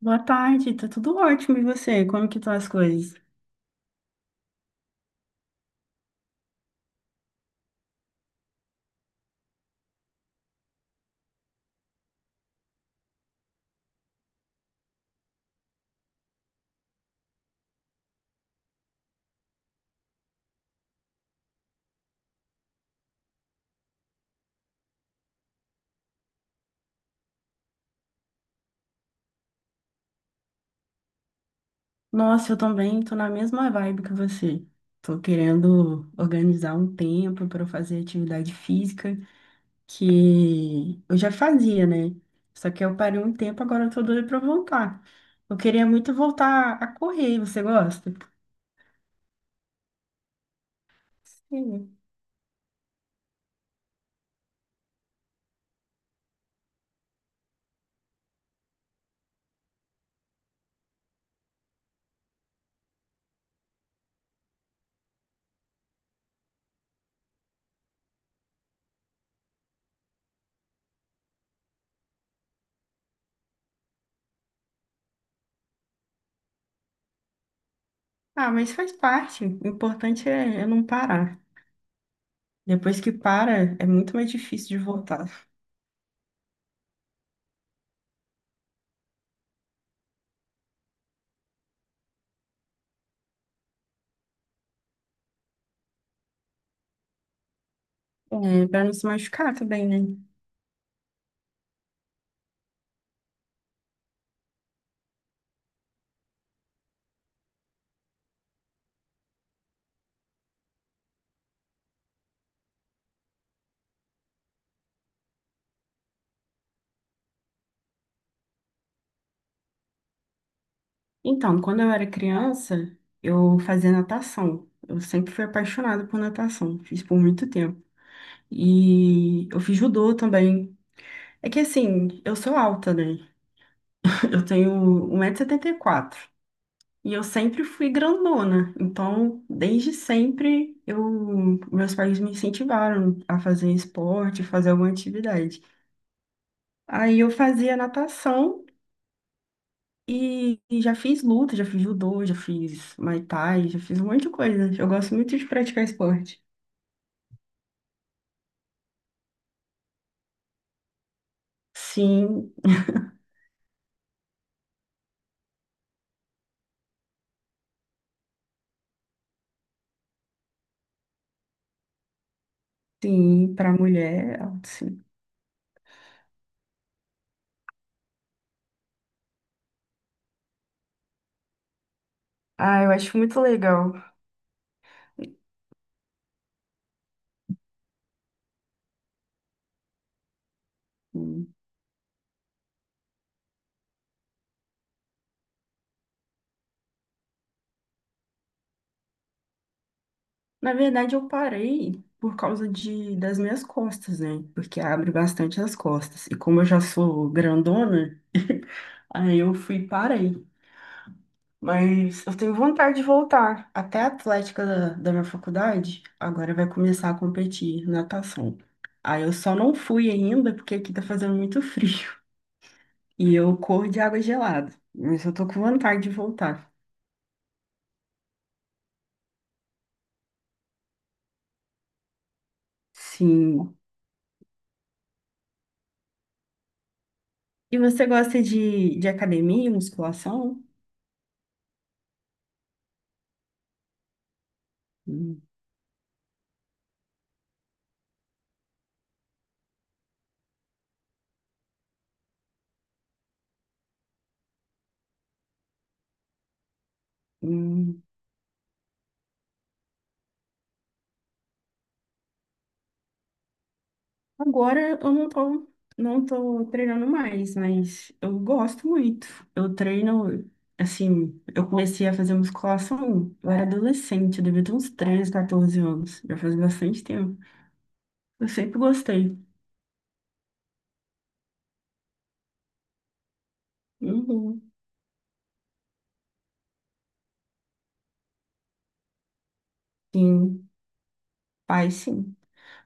Boa tarde, tá tudo ótimo. E você? Como que estão as coisas? Nossa, eu também tô na mesma vibe que você. Tô querendo organizar um tempo para eu fazer atividade física que eu já fazia, né? Só que eu parei um tempo, agora eu tô doida para voltar. Eu queria muito voltar a correr. Você gosta? Sim. Ah, mas faz parte. O importante é não parar. Depois que para, é muito mais difícil de voltar. É, para não se machucar também, né? Então, quando eu era criança, eu fazia natação. Eu sempre fui apaixonada por natação, fiz por muito tempo. E eu fiz judô também. É que assim, eu sou alta, né? Eu tenho 1,74 m. E eu sempre fui grandona. Então, desde sempre, meus pais me incentivaram a fazer esporte, fazer alguma atividade. Aí eu fazia natação. E já fiz luta, já fiz judô, já fiz muay thai, já fiz um monte de coisa. Eu gosto muito de praticar esporte. Sim, sim, para mulher, sim. Ah, eu acho muito legal. Hum. Na verdade, eu parei por causa das minhas costas, né? Porque abre bastante as costas. E como eu já sou grandona, aí eu fui e parei. Mas eu tenho vontade de voltar. Até a atlética da minha faculdade agora vai começar a competir natação. Aí eu só não fui ainda porque aqui tá fazendo muito frio. E eu corro de água gelada. Mas eu tô com vontade de voltar. Sim. E você gosta de academia, musculação? Hum, hum. Agora eu não tô treinando mais, mas eu gosto muito. Eu treino, assim, eu comecei a fazer musculação, eu era adolescente, eu devia ter uns 13 14 anos, já faz bastante tempo. Eu sempre gostei. Uhum. Sim, faz sim.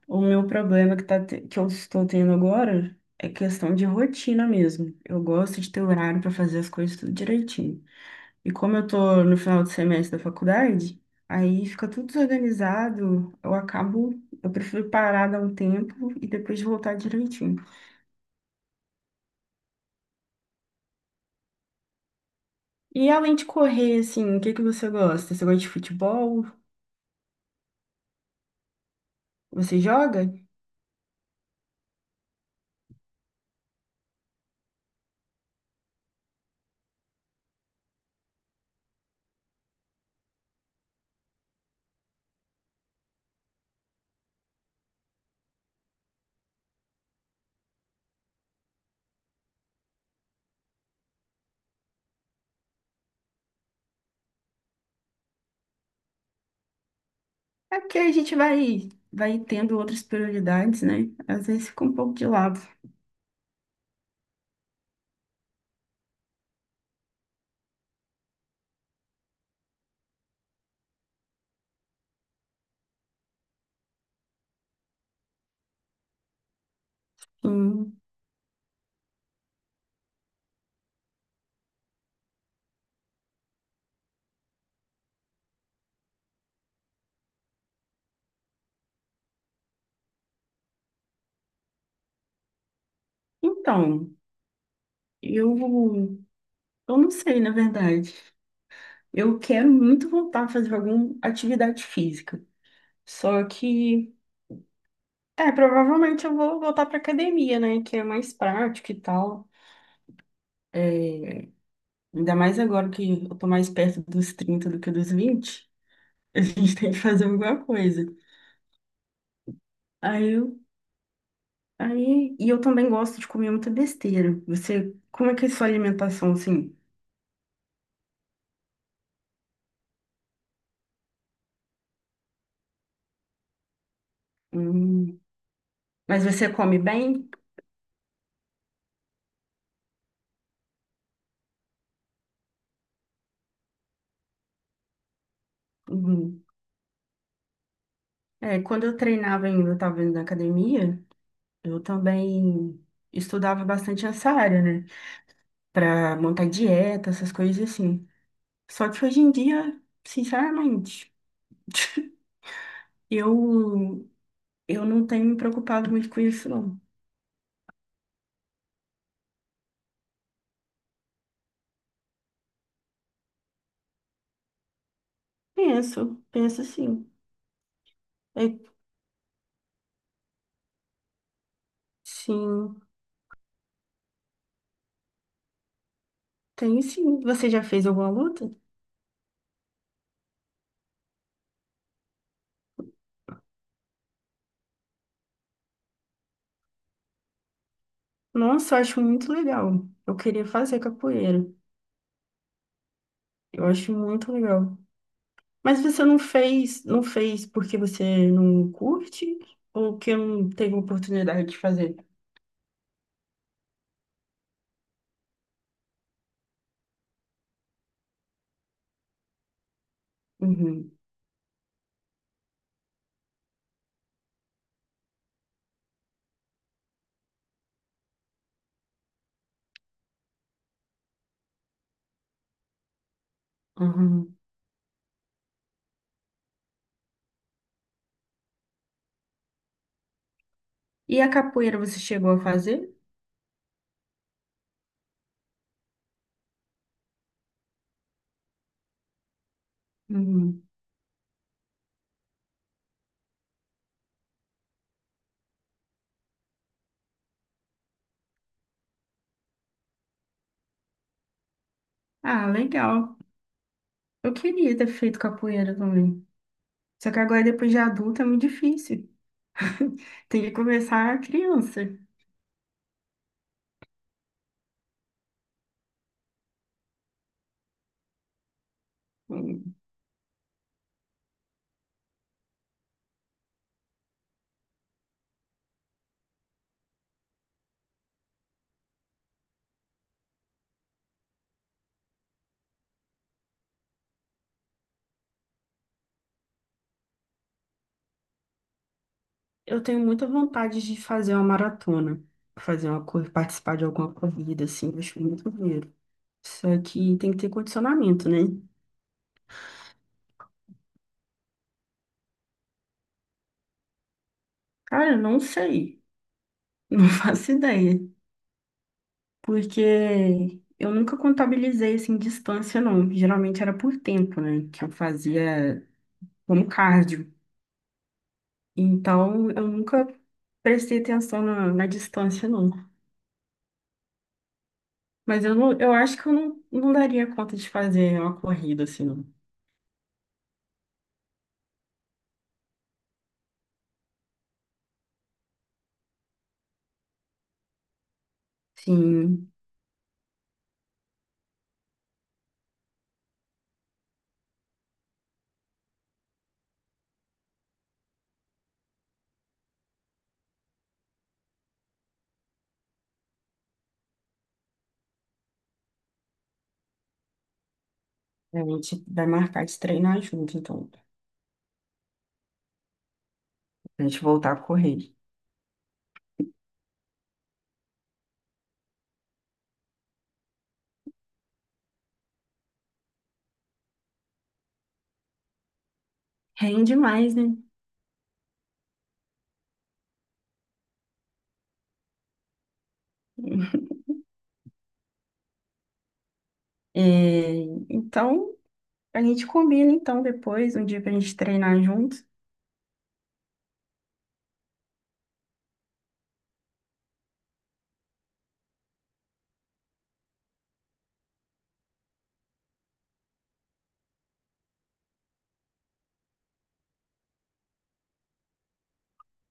O meu problema que, tá, que eu estou tendo agora é questão de rotina mesmo. Eu gosto de ter horário para fazer as coisas tudo direitinho. E como eu tô no final do semestre da faculdade, aí fica tudo desorganizado, eu acabo, eu prefiro parar, dar um tempo e depois voltar direitinho. E além de correr, assim, o que que você gosta? Você gosta de futebol? Você joga? É porque a gente vai tendo outras prioridades, né? Às vezes fica um pouco de lado. Hum. Então, eu, eu não sei, na verdade. Eu quero muito voltar a fazer alguma atividade física. Só que é, provavelmente eu vou voltar pra academia, né? Que é mais prático e tal. É, ainda mais agora que eu tô mais perto dos 30 do que dos 20. A gente tem que fazer alguma coisa. Aí eu, e eu também gosto de comer muita besteira. Você, como é que é a sua alimentação assim? Hum, mas você come bem? Hum. É, quando eu treinava ainda, eu tava indo na academia, eu também estudava bastante essa área, né? Pra montar dieta, essas coisas assim. Só que hoje em dia, sinceramente, eu, eu não tenho me preocupado muito com isso, não. Penso, penso sim. É, sim, tenho sim. Você já fez alguma luta? Nossa, eu acho muito legal. Eu queria fazer capoeira. Eu acho muito legal. Mas você não fez, não fez porque você não curte ou que não teve oportunidade de fazer? Uhum, uhum. E a capoeira você chegou a fazer? Uhum. Ah, legal. Eu queria ter feito capoeira também. Só que agora, depois de adulta, é muito difícil. Tem que começar criança. Eu tenho muita vontade de fazer uma maratona, fazer uma corrida, participar de alguma corrida, assim, eu acho muito maneiro. Só que tem que ter condicionamento, né? Cara, eu não sei, não faço ideia, porque eu nunca contabilizei, assim, distância, não. Geralmente era por tempo, né, que eu fazia como cardio. Então, eu nunca prestei atenção na distância, não. Mas eu, não, eu acho que eu não daria conta de fazer uma corrida assim, não. Sim, a gente vai marcar de treinar junto, então, a gente voltar a correr. Rende mais, né? É, então, a gente combina, então, depois, um dia pra gente treinar junto,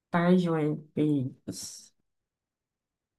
tá, Joel? Beijos.